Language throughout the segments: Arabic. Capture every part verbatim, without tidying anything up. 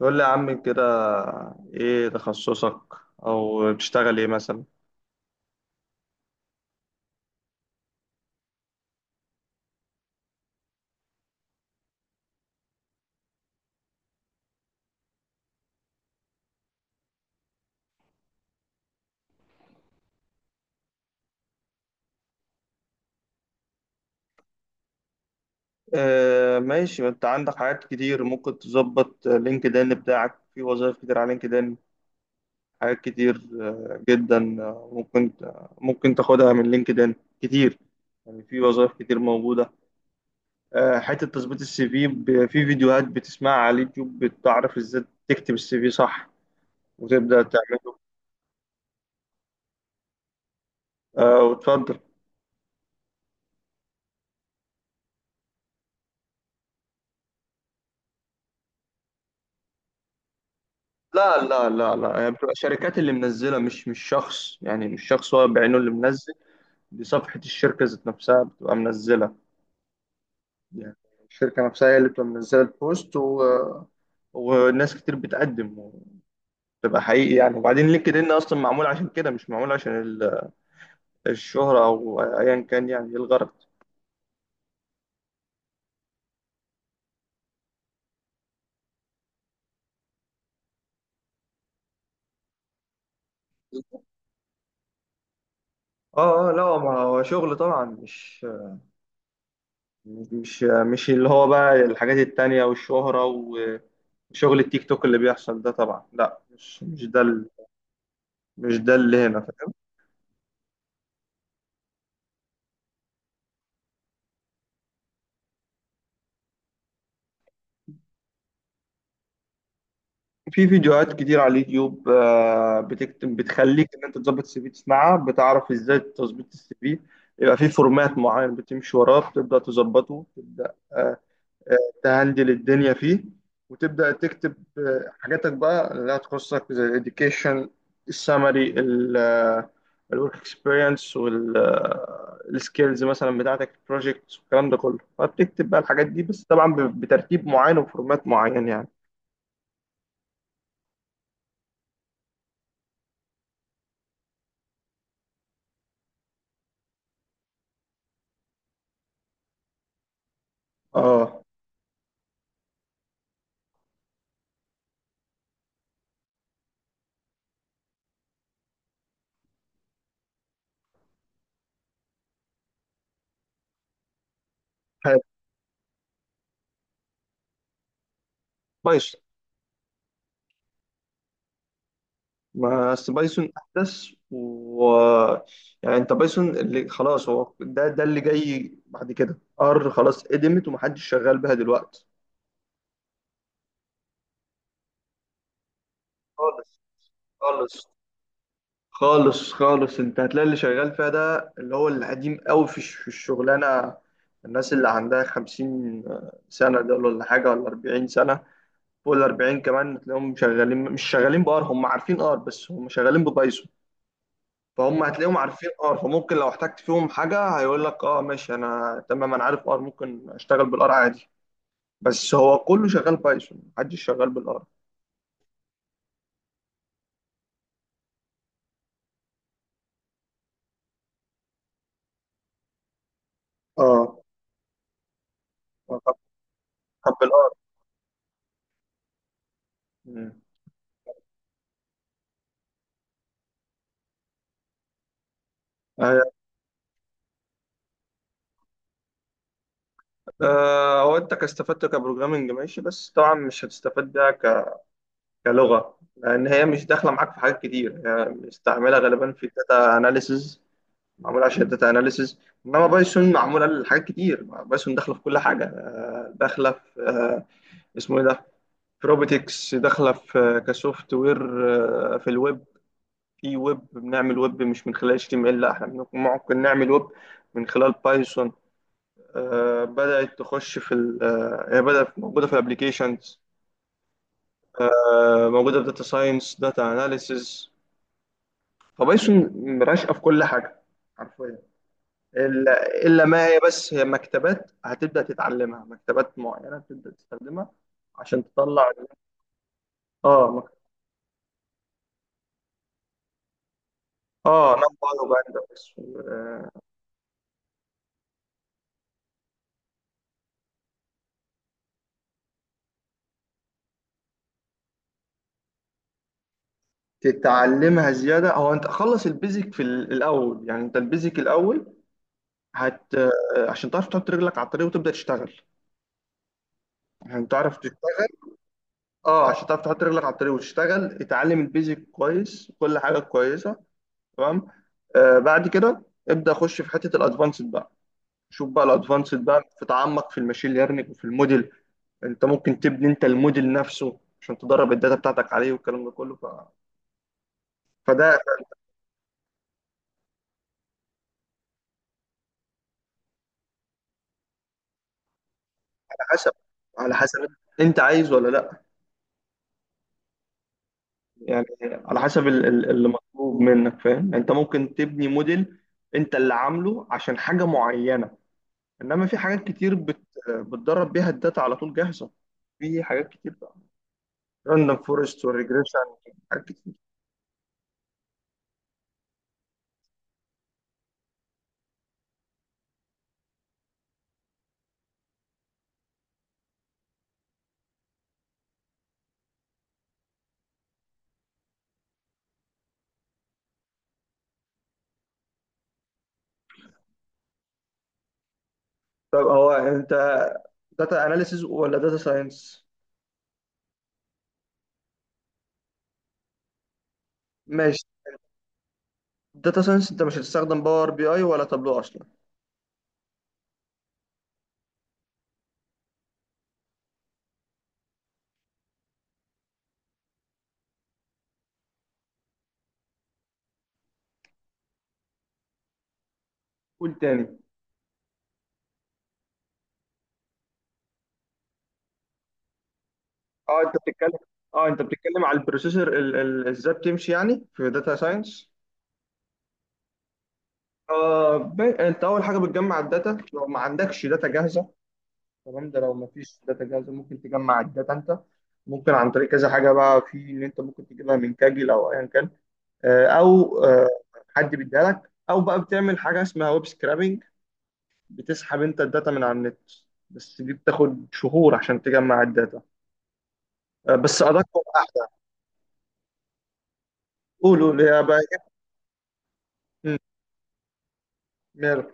قول لي يا عم كده، ايه تخصصك او بتشتغل ايه مثلا؟ آه ماشي، ما انت عندك حاجات كتير، ممكن تظبط لينكد ان بتاعك، في وظائف كتير على لينكد ان حاجات كتير، آه، جدا. آه، ممكن ممكن تاخدها من لينكد ان كتير، يعني في وظائف كتير موجودة. آه، حتة تظبيط السي في ب- في فيديوهات بتسمعها على اليوتيوب، بتعرف ازاي تكتب السي في صح وتبدأ تعمله. آه، وتفضل. لا لا لا لا، هي بتبقى شركات اللي منزله، مش مش شخص، يعني مش شخص هو بعينه اللي منزل. دي صفحه الشركه ذات نفسها بتبقى منزله، يعني الشركه نفسها هي اللي بتبقى منزله البوست و... وناس كتير بتقدم، بتبقى حقيقي. يعني وبعدين لينكد ان اصلا معمول عشان كده، مش معمول عشان ال- الشهره او ايا كان. يعني إيه الغرض؟ اه اه، لا، ما هو شغل طبعا، مش مش مش اللي هو بقى الحاجات التانية والشهرة. شغل التيك توك اللي بيحصل ده طبعا لا، مش مش ده، ال- مش ده اللي هنا، فاهم. في فيديوهات كتير على اليوتيوب، آه، بتكتب، بتخليك ان انت تظبط السي في، تسمعها بتعرف ازاي تظبط السي في. يبقى في فورمات معين بتمشي وراه بتبدا تظبطه، تبدا آه، تهندل الدنيا فيه، وتبدأ تكتب آه، حاجاتك بقى اللي هتخصك، زي ال education، السمري، الورك اكسبيرينس والسكيلز مثلا، بتاعتك في البروجكت والكلام ده كله. فبتكتب بقى الحاجات دي، بس طبعا ب- بترتيب معين وفورمات معين يعني. اه، حلو. بايثون. ما أصل بايثون احدث، و... يعني انت بايثون اللي خلاص، هو ده ده اللي جاي بعد كده. ار خلاص قدمت ومحدش شغال بها دلوقتي. خالص. خالص خالص خالص، انت هتلاقي اللي شغال فيها ده اللي هو القديم قوي في الش- في الشغلانه. الناس اللي عندها خمسين سنه دول ولا حاجه، ولا أربعين سنه، فوق الأربعين كمان تلاقيهم شغالين، مش شغالين بار، هم عارفين ار بس هم شغالين ببايثون. فهم هتلاقيهم عارفين ار، فممكن لو احتجت فيهم حاجه هيقول لك اه ماشي، انا تمام انا عارف ار، ممكن اشتغل بالار عادي. بس هو كله شغال بايثون، محدش شغال بالار. اه. طب طب بالار. آه، هو انت كاستفدت كبروجرامنج ماشي، بس طبعا مش هتستفاد بيها ك- كلغه، لان هي مش داخله معاك في حاجات كتير، هي مستعمله غالبا في داتا اناليسز، معموله عشان الداتا اناليسز. انما بايثون معموله لحاجات كتير. بايثون داخله في كل حاجه، آه، داخله في آه، اسمه ايه ده، في روبوتكس، داخله في كسوفت وير، آه، في الويب. في ويب، بنعمل ويب مش من خلال اتش تي ام ال، لا احنا بن- ممكن نعمل ويب من خلال بايثون. آه، بدأت تخش في ال آه، هي بدأت موجودة في الابليكيشنز، آه، موجودة في داتا ساينس، داتا اناليسيز. فبايثون راشقة في كل حاجة حرفيا، إلا إلا ما هي، بس هي مكتبات هتبدأ تتعلمها، مكتبات معينة بتبدأ تستخدمها عشان تطلع. اه، مك- اه، نمبر وبعد. تتعلمها زيادة. هو أنت خلص البيزك في ال- الأول، يعني أنت البيزك الأول، هت آه، عشان تعرف تحط رجلك على الطريق وتبدأ تشتغل، عشان تعرف. اه، عشان تعرف تحط رجلك على الطريق وتشتغل، اتعلم البيزك كويس، كل حاجه كويسه، تمام. آه، بعد كده ابدا خش في حته الادفانسد بقى، شوف بقى الادفانسد بقى، في تعمق في الماشين ليرنينج وفي الموديل. انت ممكن تبني انت الموديل نفسه عشان تدرب الداتا بتاعتك عليه والكلام ده كله. ف... فده على حسب على حسب انت عايز ولا لا، يعني على حسب ال- ال- اللي مطلوب منك، فاهم. يعني انت ممكن تبني موديل انت اللي عامله عشان حاجه معينه، انما في حاجات كتير بت... بتدرب بيها الداتا على طول جاهزه. في حاجات كتير بقى، راندوم فورست والريجريشن، حاجات كتير. طب هو انت داتا اناليسيز ولا داتا ساينس؟ ماشي. داتا ساينس، انت مش هتستخدم باور بي اي ولا تابلو اصلا. قول تاني. اه انت بتتكلم اه انت بتتكلم على البروسيسور، ال- ال- ازاي بتمشي يعني في داتا ساينس. آه ب... انت اول حاجه بتجمع الداتا لو ما عندكش داتا جاهزه، تمام؟ ده لو مفيش داتا جاهزه، ممكن تجمع الداتا انت، ممكن عن طريق كذا حاجه بقى، في ان انت ممكن تجيبها من كاجل او ايا كان، آه، او آه، حد بيديها لك، او بقى بتعمل حاجه اسمها ويب سكرابنج، بتسحب انت الداتا من على النت، بس دي بتاخد شهور عشان تجمع الداتا. آه، بس ادق واحدى. قولوا اللي هي بقى إيه؟ مم، ميرو.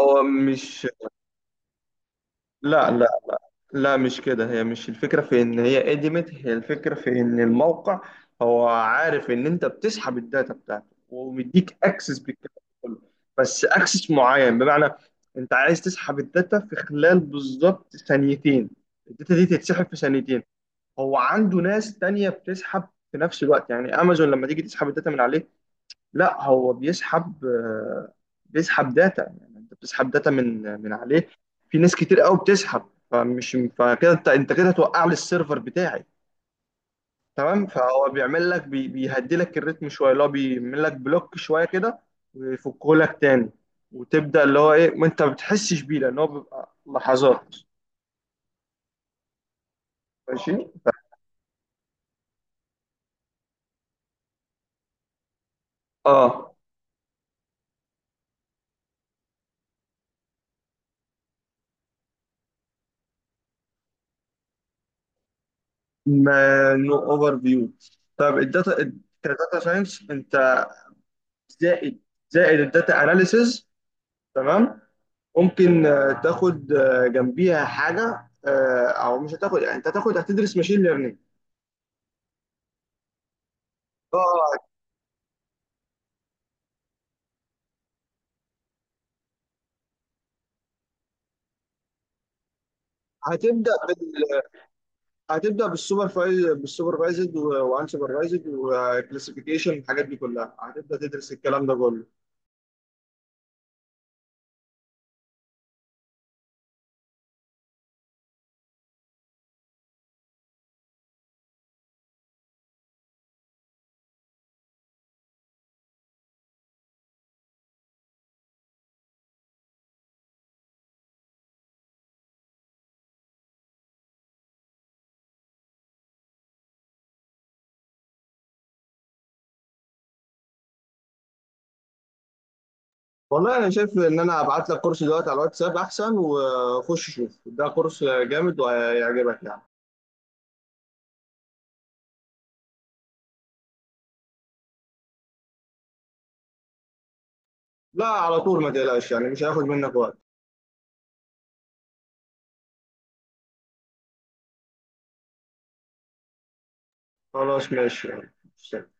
هو مش لا لا لا، مش كده. هي مش الفكرة في إن هي قدمت، هي الفكرة في إن الموقع هو عارف إن أنت بتسحب الداتا بتاعته ومديك أكسس بالكلام ده كله، بس أكسس معين، بمعنى أنت عايز تسحب الداتا في خلال بالظبط ثانيتين، الداتا دي تتسحب في ثانيتين. هو عنده ناس تانية بتسحب في نفس الوقت، يعني أمازون لما تيجي تسحب الداتا من عليه، لا هو بيسحب، آه، بيسحب داتا. يعني انت بتسحب داتا من من عليه، في ناس كتير قوي بتسحب، فمش فكده انت انت كده هتوقع لي السيرفر بتاعي، تمام؟ فهو بيعمل لك بي بيهدي لك الريتم شويه، اللي هو بيعمل لك بلوك شويه كده، ويفكه لك تاني، وتبدا اللي هو ايه، ما انت ما بتحسش بيه لان هو بيبقى لحظات. ماشي. اه، ما نو اوفر فيو. طب الداتا الداتا ساينس انت، زائد زائد الداتا اناليسز، تمام. ممكن آه، تاخد آه، جنبيها حاجه، آه، او مش هتاخد، يعني انت هتاخد، هتدرس ماشين ليرنينج. اه. هتبدا بال هتبدا بالسوبر فايز بالسوبرفايزد وان سوبرفايزد وكلاسيفيكيشن، الحاجات دي كلها هتبدا تدرس الكلام ده كله. والله انا شايف ان انا هبعت لك كورس دلوقتي على الواتساب احسن، وخش شوف ده كورس جامد وهيعجبك يعني. لا، على طول، ما تقلقش يعني، مش هياخد منك وقت. خلاص، ماشي، يلا.